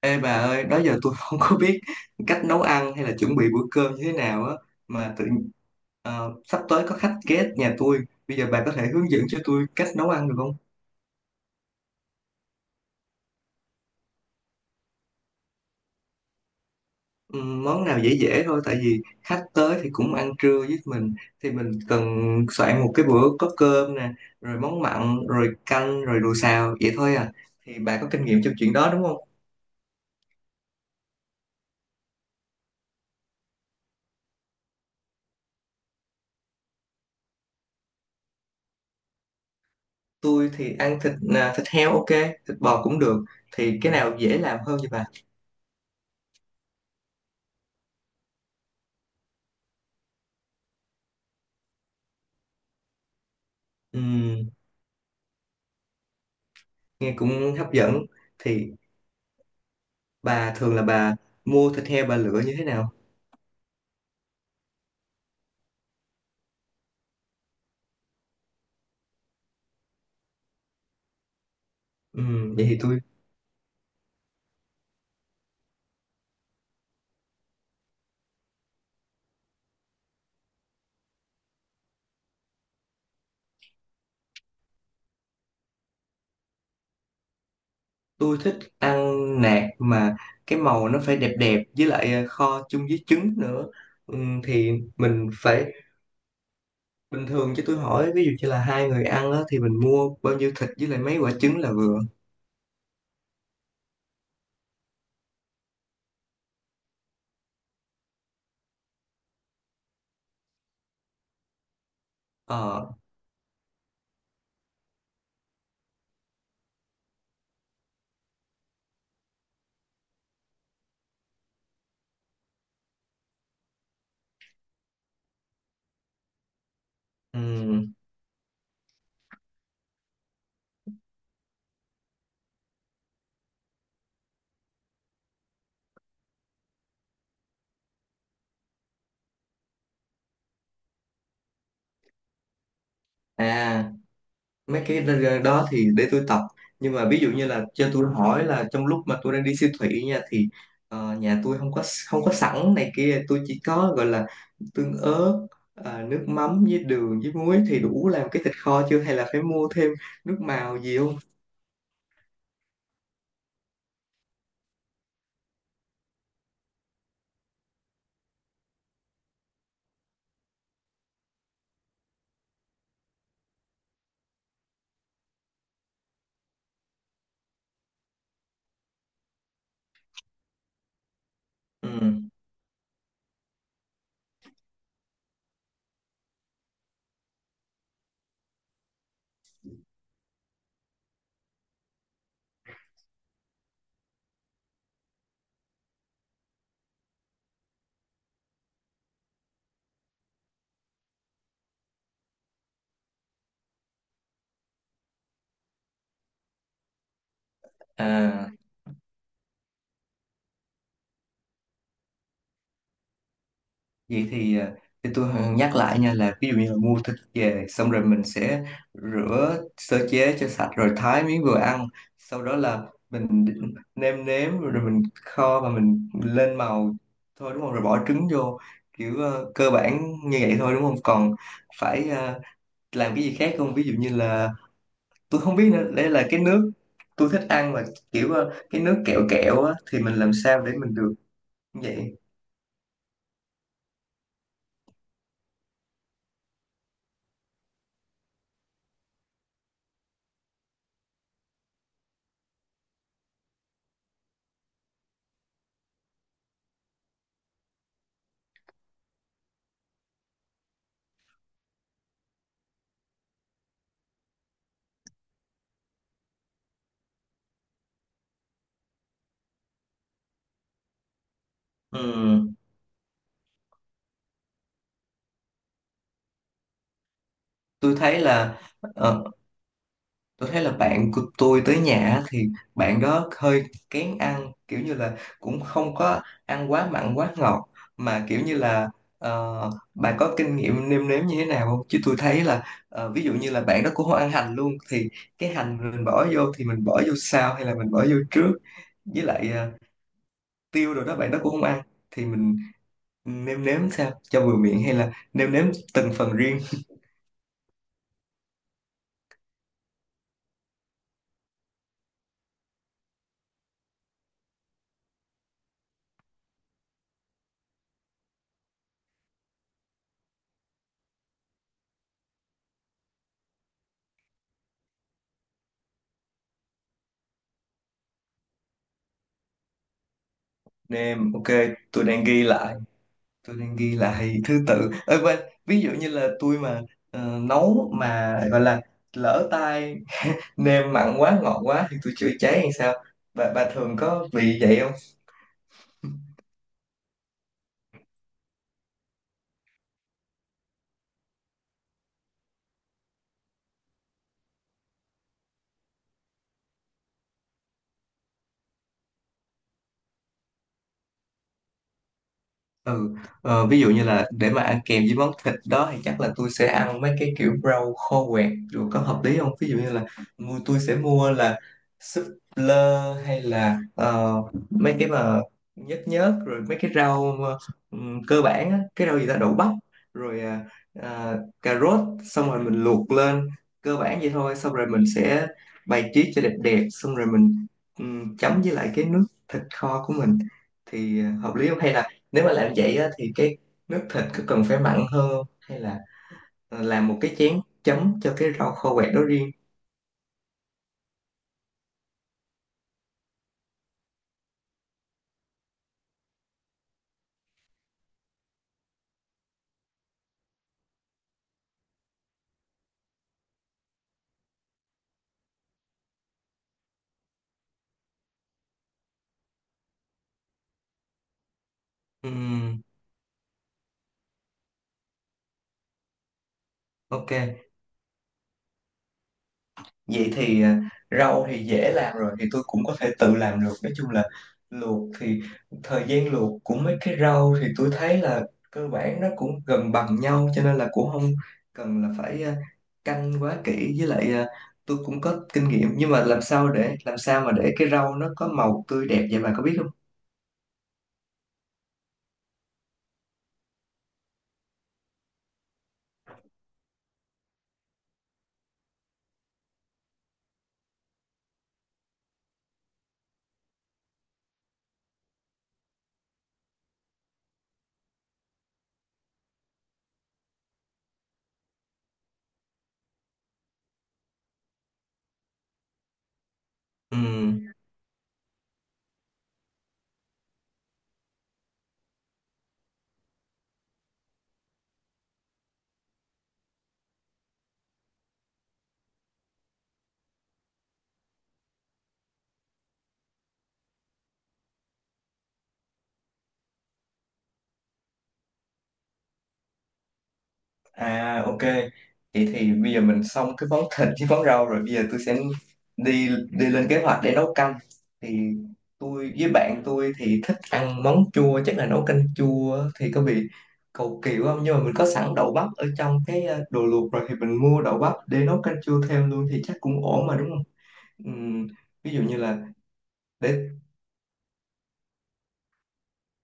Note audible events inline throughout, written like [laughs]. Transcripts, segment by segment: Ê bà ơi, đó giờ tôi [laughs] không có biết cách nấu ăn hay là chuẩn bị bữa cơm như thế nào á mà tự sắp tới có khách ghé nhà tôi. Bây giờ bà có thể hướng dẫn cho tôi cách nấu ăn được không? Món nào dễ dễ thôi tại vì khách tới thì cũng ăn trưa với mình thì mình cần soạn một cái bữa có cơm nè, rồi món mặn, rồi canh, rồi đồ xào vậy thôi à. Thì bà có kinh nghiệm trong chuyện đó đúng không? Tôi thì ăn thịt à, thịt heo ok, thịt bò cũng được. Thì cái nào dễ làm hơn cho bà? Nghe cũng hấp dẫn thì bà thường là bà mua thịt heo bà lựa như thế nào? Ừ, vậy thì tôi thích ăn nạc mà cái màu nó phải đẹp đẹp với lại à, kho chung với trứng nữa. Ừ, thì mình phải bình thường chứ tôi hỏi ví dụ như là hai người ăn á, thì mình mua bao nhiêu thịt với lại mấy quả trứng là vừa? Ờ. Ừ. À, mấy cái đó thì để tôi tập, nhưng mà ví dụ như là cho tôi hỏi là trong lúc mà tôi đang đi siêu thị nha thì nhà tôi không có, không có sẵn này kia, tôi chỉ có gọi là tương ớt, à, nước mắm với đường với muối thì đủ làm cái thịt kho chưa hay là phải mua thêm nước màu gì không? Ừ. À, vậy thì, à, thì tôi nhắc lại nha là ví dụ như là mua thịt về xong rồi mình sẽ rửa sơ chế cho sạch rồi thái miếng vừa ăn, sau đó là mình nêm nếm rồi mình kho và mình lên màu thôi đúng không, rồi bỏ trứng vô kiểu cơ bản như vậy thôi đúng không, còn phải làm cái gì khác không, ví dụ như là tôi không biết nữa, đây là cái nước tôi thích ăn mà kiểu cái nước kẹo kẹo á, thì mình làm sao để mình được như vậy? Ừm, tôi thấy là ờ, tôi thấy là bạn của tôi tới nhà á, thì bạn đó hơi kén ăn kiểu như là cũng không có ăn quá mặn quá ngọt, mà kiểu như là bà có kinh nghiệm nêm nếm như thế nào không? Chứ tôi thấy là ví dụ như là bạn đó cũng không ăn hành luôn thì cái hành mình bỏ vô thì mình bỏ vô sau hay là mình bỏ vô trước, với lại tiêu rồi đó bạn đó cũng không ăn, thì mình nêm nếm sao cho vừa miệng hay là nêm nếm từng phần riêng? Nêm ok. tôi đang ghi lại tôi đang ghi lại thứ tự. Ê, quên, ví dụ như là tôi mà nấu mà gọi là lỡ tay nêm mặn quá ngọt quá thì tôi chữa cháy hay sao? Bà thường có bị vậy? Ừ. Ví dụ như là để mà ăn kèm với món thịt đó thì chắc là tôi sẽ ăn mấy cái kiểu rau kho quẹt rồi, có hợp lý không? Ví dụ như là tôi sẽ mua là súp lơ hay là mấy cái mà nhớt nhớt rồi mấy cái rau mà, cơ bản á, cái rau gì ta, đậu bắp rồi à, à, cà rốt, xong rồi mình luộc lên cơ bản vậy thôi, xong rồi mình sẽ bày trí cho đẹp đẹp, xong rồi mình chấm với lại cái nước thịt kho của mình thì hợp lý không, hay là nếu mà làm vậy á, thì cái nước thịt có cần phải mặn hơn không? Hay là làm một cái chén chấm cho cái rau kho quẹt đó riêng? Ừm, ok. Vậy thì rau thì dễ làm rồi thì tôi cũng có thể tự làm được, nói chung là luộc thì thời gian luộc của mấy cái rau thì tôi thấy là cơ bản nó cũng gần bằng nhau cho nên là cũng không cần là phải canh quá kỹ, với lại tôi cũng có kinh nghiệm nhưng mà làm sao để làm sao mà để cái rau nó có màu tươi đẹp vậy, bà có biết không? Ừ. À ok, vậy thì bây giờ mình xong cái món thịt với món rau rồi, bây giờ tôi sẽ đi đi lên kế hoạch để nấu canh. Thì tôi với bạn tôi thì thích ăn món chua, chắc là nấu canh chua thì có bị cầu kỳ quá không? Nhưng mà mình có sẵn đậu bắp ở trong cái đồ luộc rồi thì mình mua đậu bắp để nấu canh chua thêm luôn thì chắc cũng ổn mà đúng không? Ừm, ví dụ như là để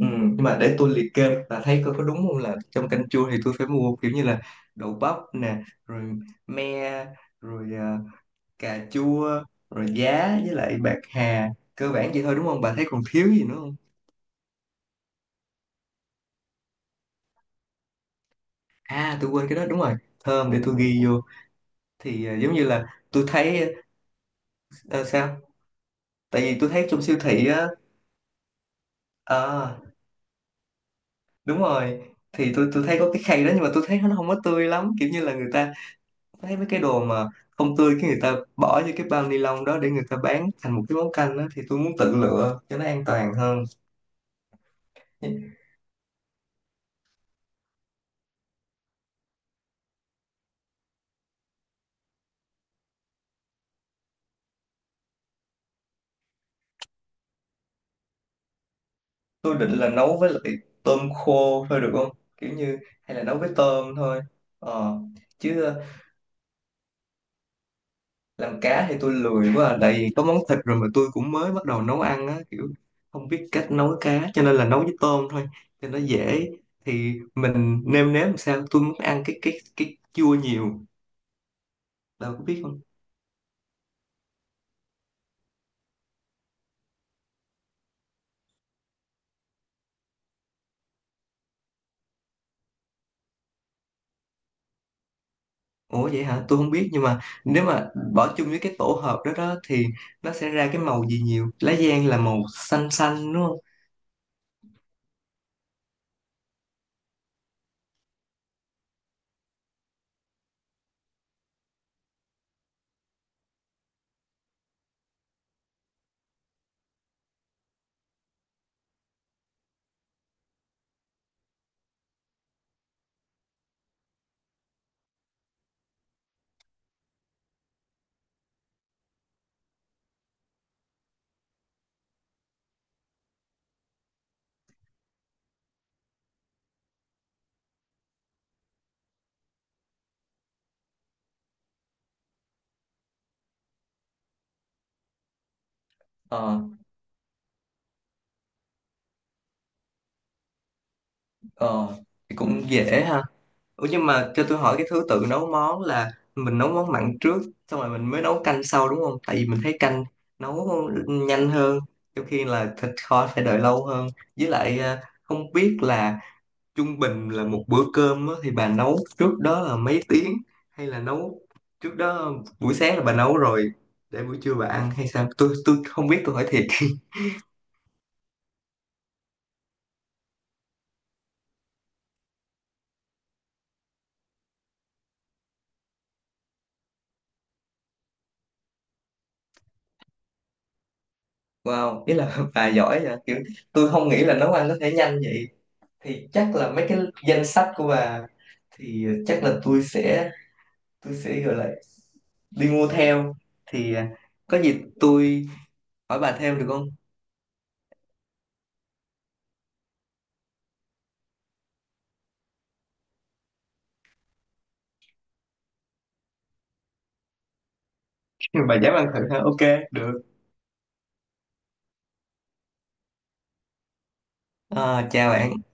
Ừ, nhưng mà để tôi liệt kê và thấy coi có đúng không, là trong canh chua thì tôi phải mua kiểu như là đậu bắp nè, rồi me, rồi à, cà chua, rồi giá với lại bạc hà, cơ bản vậy thôi đúng không, bà thấy còn thiếu gì nữa không? À, tôi quên cái đó, đúng rồi, thơm, để tôi ghi vô. Thì à, giống như là tôi thấy ờ, sao tại vì tôi thấy trong siêu thị á, ờ, đúng rồi, thì tôi thấy có cái khay đó nhưng mà tôi thấy nó không có tươi lắm, kiểu như là người ta thấy mấy cái đồ mà không tươi cái người ta bỏ vô cái bao ni lông đó để người ta bán thành một cái món canh đó, thì tôi muốn tự lựa cho nó an toàn hơn. Tôi định là nấu với lại tôm khô thôi được không, kiểu như hay là nấu với tôm thôi. Ờ, chứ làm cá thì tôi lười quá à. Tại vì có món thịt rồi mà tôi cũng mới bắt đầu nấu ăn á, kiểu không biết cách nấu cá cho nên là nấu với tôm thôi cho nó dễ. Thì mình nêm nếm làm sao tôi muốn ăn cái cái chua nhiều, đâu có biết. Ủa vậy hả? Tôi không biết, nhưng mà nếu mà ừ, bỏ chung với cái tổ hợp đó đó thì nó sẽ ra cái màu gì nhiều? Lá giang là màu xanh xanh đúng không? Ờ, ờ thì cũng dễ ha. Ủa nhưng mà cho tôi hỏi cái thứ tự nấu món là mình nấu món mặn trước xong rồi mình mới nấu canh sau đúng không? Tại vì mình thấy canh nấu nhanh hơn, trong khi là thịt kho phải đợi lâu hơn. Với lại à, không biết là trung bình là một bữa cơm á, thì bà nấu trước đó là mấy tiếng, hay là nấu trước đó buổi sáng là bà nấu rồi để buổi trưa bà ăn hay sao, tôi không biết tôi hỏi thiệt. Wow, ý là [laughs] bà giỏi vậy kiểu, tôi không nghĩ là nấu ăn có thể nhanh vậy. Thì chắc là mấy cái danh sách của bà thì chắc là tôi sẽ gọi là đi mua theo. Thì à, có gì tôi hỏi bà thêm được không? [laughs] Bà dám ăn thử ha, ok được. À, chào bạn.